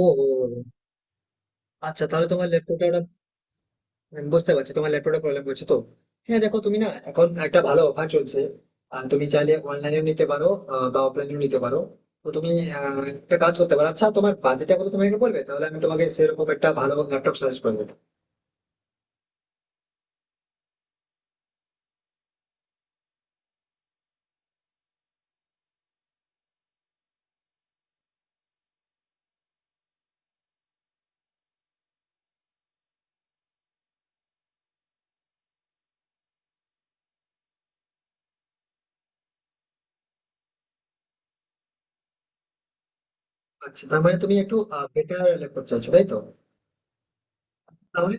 ও ও, ও। আচ্ছা তাহলে তোমার ল্যাপটপটা ওটা, আমি বুঝতে পারছি তোমার ল্যাপটপটা প্রবলেম করছে তো। হ্যাঁ দেখো, তুমি না এখন একটা ভালো অফার চলছে। আর তুমি চাইলে অনলাইনেও নিতে পারো, বা অফলাইনেও নিতে পারো। তো তুমি একটা কাজ করতে পারো। আচ্ছা তোমার বাজেটটা কত তুমি আমাকে বলবে, তাহলে আমি তোমাকে সেরকম একটা ভালো ল্যাপটপ সাজেস্ট করে দেবো। আচ্ছা তার মানে তুমি একটু বেটার ল্যাপটপ চাইছো তাই তো? তাহলে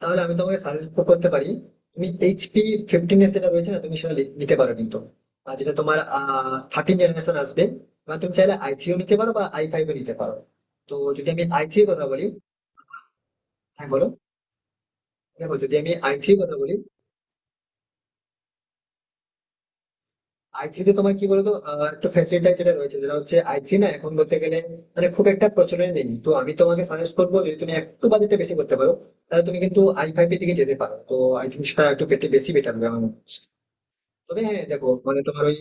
তাহলে আমি তোমাকে সাজেস্ট করতে পারি। তুমি এইচপি 15 এ যেটা রয়েছে না, তুমি সেটা নিতে পারো। কিন্তু আর যেটা তোমার 13 জেনারেশন আসবে, এবার তুমি চাইলে আই থ্রিও নিতে পারো বা আই ফাইভও নিতে পারো। তো যদি আমি আই থ্রির কথা বলি, হ্যাঁ বলো, দেখো যদি আমি আই থ্রির কথা বলি, আই থ্রিতে তোমার কি বলতো, একটু ফ্যাসিলিটি যেটা রয়েছে, যেটা হচ্ছে আই থ্রি না এখন বলতে গেলে মানে খুব একটা প্রচলন নেই। তো আমি তোমাকে সাজেস্ট করবো যদি তুমি একটু বাজেটটা বেশি করতে পারো, তাহলে তুমি কিন্তু আই ফাইভ এর দিকে যেতে পারো। তো আই থিঙ্ক সেটা একটু বেশি বেটার হবে আমার মনে হয়। তবে হ্যাঁ দেখো মানে তোমার ওই,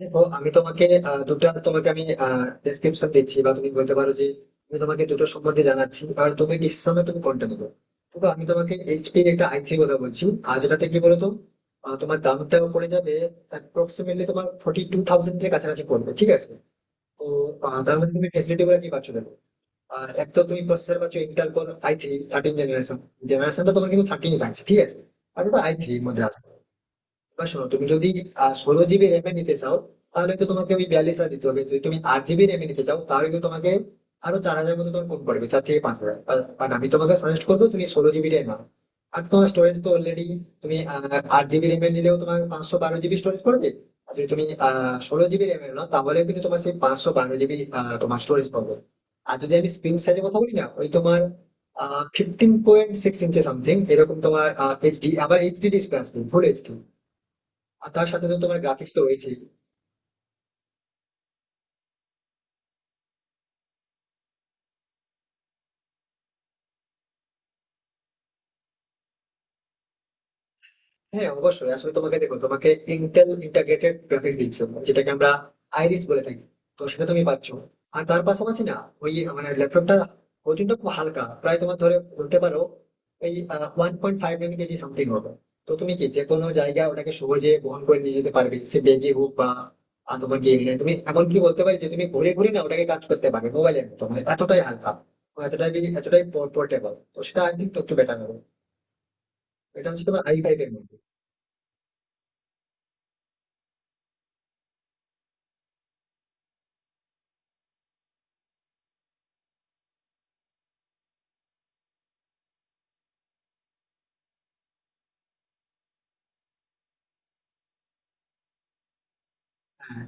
দেখো আমি তোমাকে দুটো তোমাকে আমি ডেসক্রিপশন দিচ্ছি, বা তুমি বলতে পারো যে আমি তোমাকে দুটো সম্বন্ধে জানাচ্ছি, আর তুমি ডিসিশনে তুমি কোনটা নেবে। তবে আমি তোমাকে এইচপি এর একটা আই থ্রি কথা বলছি, আর যেটাতে কি বলতো, তোমার দামটা পড়ে যাবে অ্যাপ্রক্সিমেটলি তোমার 42,000 এর কাছাকাছি পড়বে, ঠিক আছে? তো তার মধ্যে তুমি ফেসিলিটি গুলো কি পাচ্ছ দেখো। আর এক তো তুমি প্রসেসর পাচ্ছ Intel core I three 13 generation, জেনারেশনটা তোমার কিন্তু 13 থাকছে, ঠিক আছে? আর ওটা আই থ্রির মধ্যে আছে। এবার শোনো তুমি যদি 16 জিবি র্যামে নিতে চাও তাহলে তো তোমাকে ওই 42,000 দিতে হবে, যদি তুমি 8 জিবি র্যামে নিতে চাও তাহলে তো তোমাকে আরো 4,000 মতো তোমার কম পড়বে, চার থেকে পাঁচ হাজার। বাট আমি তোমাকে সাজেস্ট করবো তুমি 16 জিবিটাই নাও। আর তোমার স্টোরেজ তো অলরেডি তুমি 8 জিবি র্যামে নিলেও তোমার 512 জিবি স্টোরেজ পড়বে। আর যদি তুমি 16 জিবি র্যামে নাও তাহলে কিন্তু তোমার সেই 512 জিবি তোমার স্টোরেজ পাবে। আর যদি আমি স্ক্রিন সাইজের কথা বলি না, ওই তোমার 15.6 ইঞ্চি সামথিং এরকম তোমার এইচডি, আবার এইচডি ডিসপ্লে আসবে ফুল এইচডি। আর তার সাথে তো তোমার গ্রাফিক্স তো রয়েছেই। হ্যাঁ অবশ্যই, আসলে তোমাকে দেখো তোমাকে ইন্টেল ইন্টাগ্রেটেড গ্রাফিক্স দিচ্ছে যেটাকে আমরা আইরিস বলে থাকি। তো সেটা তুমি পাচ্ছ। আর তার পাশাপাশি না ওই মানে ল্যাপটপটা ওজনটা খুব হালকা, প্রায় তোমার ধরে বলতে পারো ওই 1.59 কেজি সামথিং হবে। তো তুমি কি যে কোনো জায়গায় ওটাকে সহজে বহন করে নিয়ে যেতে পারবে, সে ব্যাগে হোক বা, আর তোমার কি এমনি তুমি এমন কি বলতে পারি যে তুমি ঘুরে ঘুরে না ওটাকে কাজ করতে পারবে মোবাইলের মতো, মানে এতটাই হালকা, এতটাই এতটাই পোর্টেবল। তো সেটা আই থিঙ্ক একটু বেটার হবে। এটা হচ্ছে তোমার আই ফাইভ এর মধ্যে। হ্যাঁ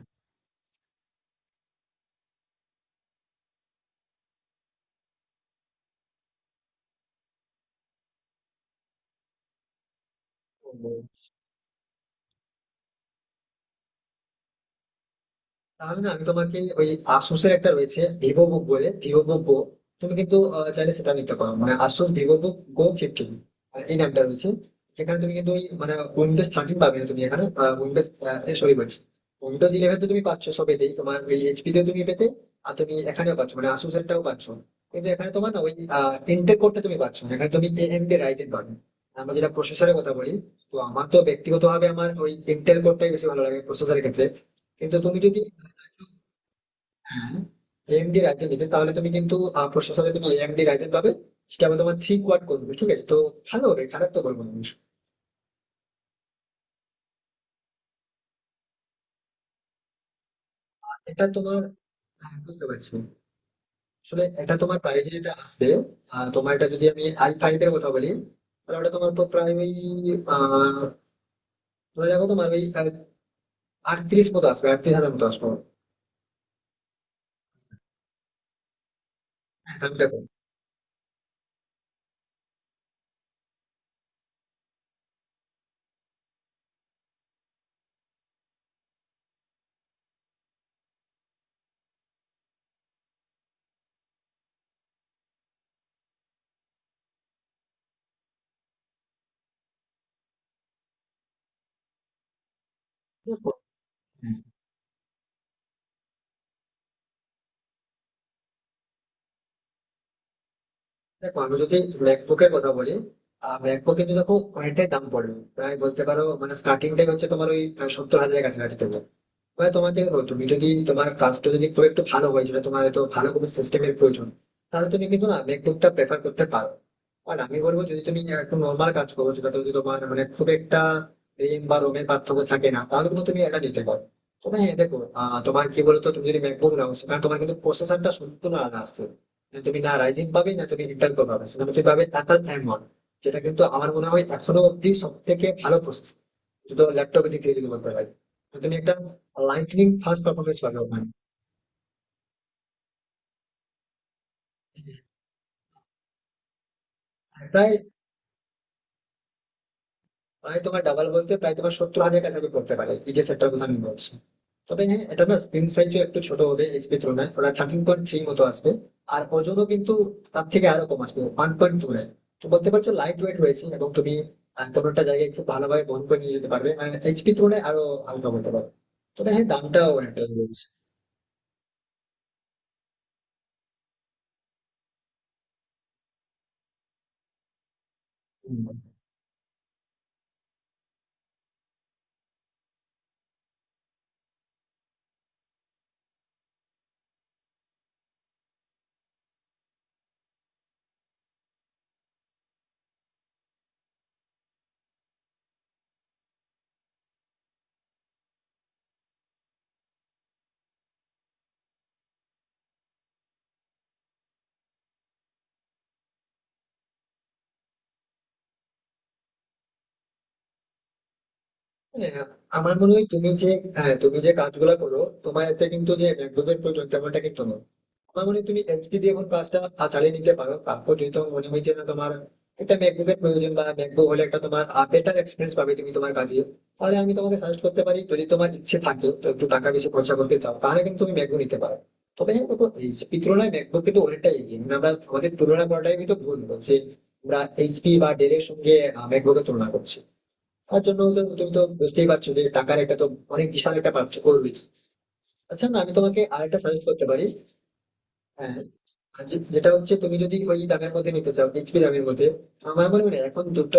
ও, তাহলে না আমি তোমাকে ওই আসুসের একটা রয়েছে ভিভো বুক বলে, ভিভো বুক গো, তুমি কিন্তু চাইলে সেটা নিতে পারো, মানে আসুস ভিভো বুক গো 15 এই নামটা রয়েছে। যেখানে তুমি কিন্তু ওই মানে উইন্ডোজ 13 পাবে না তুমি এখানে, উইন্ডোজ, সরি বলছি, উইন্ডোজ 11 তো তুমি পাচ্ছ সবেতেই, তোমার ওই এইচপি তেও তুমি পেতে, আর তুমি এখানেও পাচ্ছ মানে আসুসেরটাও পাচ্ছ। কিন্তু এখানে তোমার না ওই ইন্টেল কোডটা তুমি পাচ্ছ না। এখানে তুমি এএমডি রাইজেন পাবে, আমরা যেটা প্রসেসরের কথা বলি। তো আমার তো ব্যক্তিগতভাবে আমার ওই ইন্টেল কোডটাই বেশি ভালো লাগে প্রসেসরের ক্ষেত্রে। কিন্তু তুমি যদি, হ্যাঁ, এএমডি রাইজেন নিতে তাহলে তুমি কিন্তু প্রসেসরে তুমি এএমডি রাইজেন পাবে। সেটা আবার তোমার থ্রি কোয়াড করবে, ঠিক আছে? তো ভালো হবে, খারাপ তো বলবো না আমি। এটা তোমার, হ্যাঁ, বুঝতে পারছি। আসলে এটা তোমার প্রাইস যেটা আসবে, তোমার এটা যদি আমি আই ফাইভ এর কথা বলি তাহলে ওটা তোমার পর প্রায় ওই, আহ, ধরে রাখো তোমার ওই 38 মতো আসবে, 38,000 মতো আসবে। হ্যাঁ দামটা কম। দেখো আমি যদি ম্যাকবুকের কথা বলি, ম্যাকবুক কিন্তু দেখো অনেকটাই দাম পড়বে, প্রায় বলতে পারো মানে স্টার্টিং টাইম হচ্ছে তোমার ওই 70,000 কাছাকাছি পড়বে। মানে তোমাকে ও তুমি যদি তোমার কাজটা যদি খুব একটু ভালো হয়, যেটা তোমার হয়তো ভালো কোনো সিস্টেমের প্রয়োজন, তাহলে তুমি কিন্তু না ম্যাকবুকটা প্রেফার করতে পারো। আর আমি বলবো যদি তুমি একটু নর্মাল কাজ করো যেটা যদি তোমার মানে খুব একটা রেম বা রোমের পার্থক্য থাকে না, তাহলে কিন্তু তুমি এটা নিতে পারো। তবে হ্যাঁ দেখো, তোমার কি বলতো তুমি যদি ম্যাকবুক নাও সেখানে তোমার কিন্তু প্রসেসরটা সম্পূর্ণ আলাদা আসছে, মানে তুমি না রাইজিং পাবে না, তুমি ইন্টেল কোর পাবে, সেখানে তুমি পাবে অ্যাপল থাইম, যেটা কিন্তু আমার মনে হয় এখনো অব্দি সব থেকে ভালো প্রসেস, তো ল্যাপটপের দিক থেকে যদি বলতে পারি, তো তুমি একটা লাইটনিং ফার্স্ট পারফরমেন্স পাবে ওখানে। প্রায় প্রায় তোমার ডাবল বলতে প্রায় তোমার 70,000 কাছাকাছি পড়তে পারে এই যে সেটটার কথা আমি বলছি। তবে হ্যাঁ, এটা না স্ক্রিন সাইজও একটু ছোট হবে এইচপি তুলনায়, ওটা 13.3 মতো আসবে। আর ওজনও কিন্তু তার থেকে আরো কম আসবে, 1.29। তো বলতে পারছো লাইট ওয়েট রয়েছে, এবং তুমি কোনো একটা জায়গায় খুব ভালোভাবে বহন করে নিয়ে যেতে পারবে, মানে এইচপি তুলনায় আরো হালকা বলতে পারো। তবে হ্যাঁ দামটাও অনেকটা রয়েছে। হুম। হ্যাঁ, আমার মনে হয় তুমি যে, হ্যাঁ, তুমি যে কাজগুলো করো তোমার এতে কিন্তু যে ম্যাকবুকের প্রয়োজন তেমনটা কিন্তু নয়। আমার মনে হয় তুমি এইচপি দিয়ে এখন কাজটা চালিয়ে নিতে পারো, তারপর যদি তোমার মনে হয় যে না তোমার একটা ম্যাকবুকের প্রয়োজন বা ম্যাকবুক হলে একটা তোমার বেটার এক্সপিরিয়েন্স পাবে তুমি তোমার কাজে, তাহলে আমি তোমাকে সাজেস্ট করতে পারি যদি তোমার ইচ্ছে থাকে তো একটু টাকা বেশি খরচা করতে চাও তাহলে কিন্তু তুমি ম্যাকবুক নিতে পারো। তবে হ্যাঁ দেখো এইচপি তুলনায় ম্যাকবুক কিন্তু অনেকটাই এগিয়ে, মানে আমরা আমাদের তুলনা করাটাই আমি তো ভুল বলছি, আমরা এইচপি বা ডেল এর সঙ্গে ম্যাকবুকের তুলনা করছি, তার জন্য তো তুমি তো বুঝতেই পারছো যে টাকার একটা তো অনেক বিশাল একটা পার্থক্য রয়েছে। আচ্ছা না, আমি তোমাকে আরেকটা সাজেস্ট করতে পারি। হ্যাঁ হ্যাঁ। আর যেটা হচ্ছে তুমি যদি ওই দামের মধ্যে নিতে চাও, বিক্রি দামের মধ্যে আমার মনে হয় না, এখন দুটো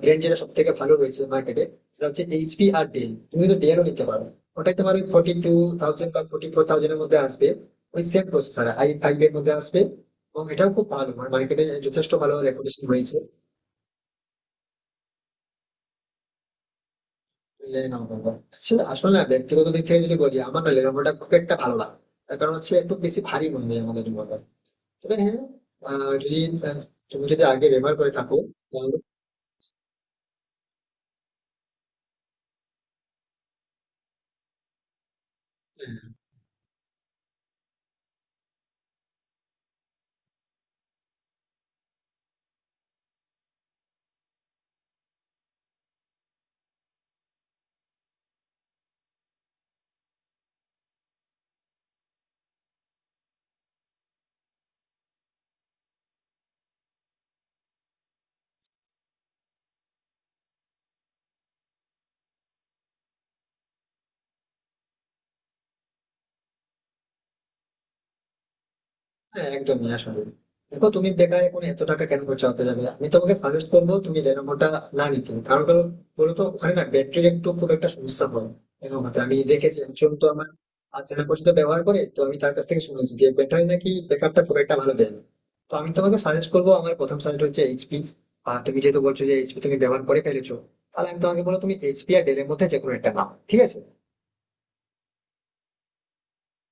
ব্র্যান্ড যেটা সব থেকে ভালো রয়েছে মার্কেটে, সেটা হচ্ছে এইচপি আর ডেল, তুমি তো ডেলও নিতে পারো। ওটাই তোমার ওই 42,000 বা 44,000 মধ্যে আসবে, ওই সেম প্রসেসর আই ফাইভ এর মধ্যে আসবে। এবং এটাও খুব ভালো, মানে মার্কেটে যথেষ্ট ভালো রেপুটেশন রয়েছে। লেনোভো, আসলে আসলে না ব্যক্তিগত দিক থেকে যদি বলি আমার না লেনোভোটা খুব একটা ভালো লাগে। তার কারণ হচ্ছে একটু বেশি ভারী মনে হয় আমাদের জন্য। তবে হ্যাঁ, আহ, যদি আহ, তুমি যদি আগে ব্যবহার করে থাকো তাহলে, হ্যাঁ হ্যাঁ, একদমই। আসলে দেখো তুমি বেকার এখন এত টাকা কেন খরচা যাবে, আমি তোমাকে সাজেস্ট করবো তুমি লেনোভোটা না নিতে, কারণ কারণ বলতো ওখানে না ব্যাটারির একটু খুব একটা সমস্যা হয় লেনোভোতে। আমি দেখেছি একজন তো আমার চেনা পরিচিত ব্যবহার করে, তো আমি তার কাছ থেকে শুনেছি যে ব্যাটারি নাকি ব্যাকআপটা খুব একটা ভালো দেয় না। তো আমি তোমাকে সাজেস্ট করবো, আমার প্রথম সাজেস্ট হচ্ছে এইচপি। আর তুমি যেহেতু বলছো যে এইচপি তুমি ব্যবহার করে ফেলেছো, তাহলে আমি তোমাকে বলবো তুমি এইচপি আর ডেলের মধ্যে যে কোনো একটা নাও, ঠিক আছে?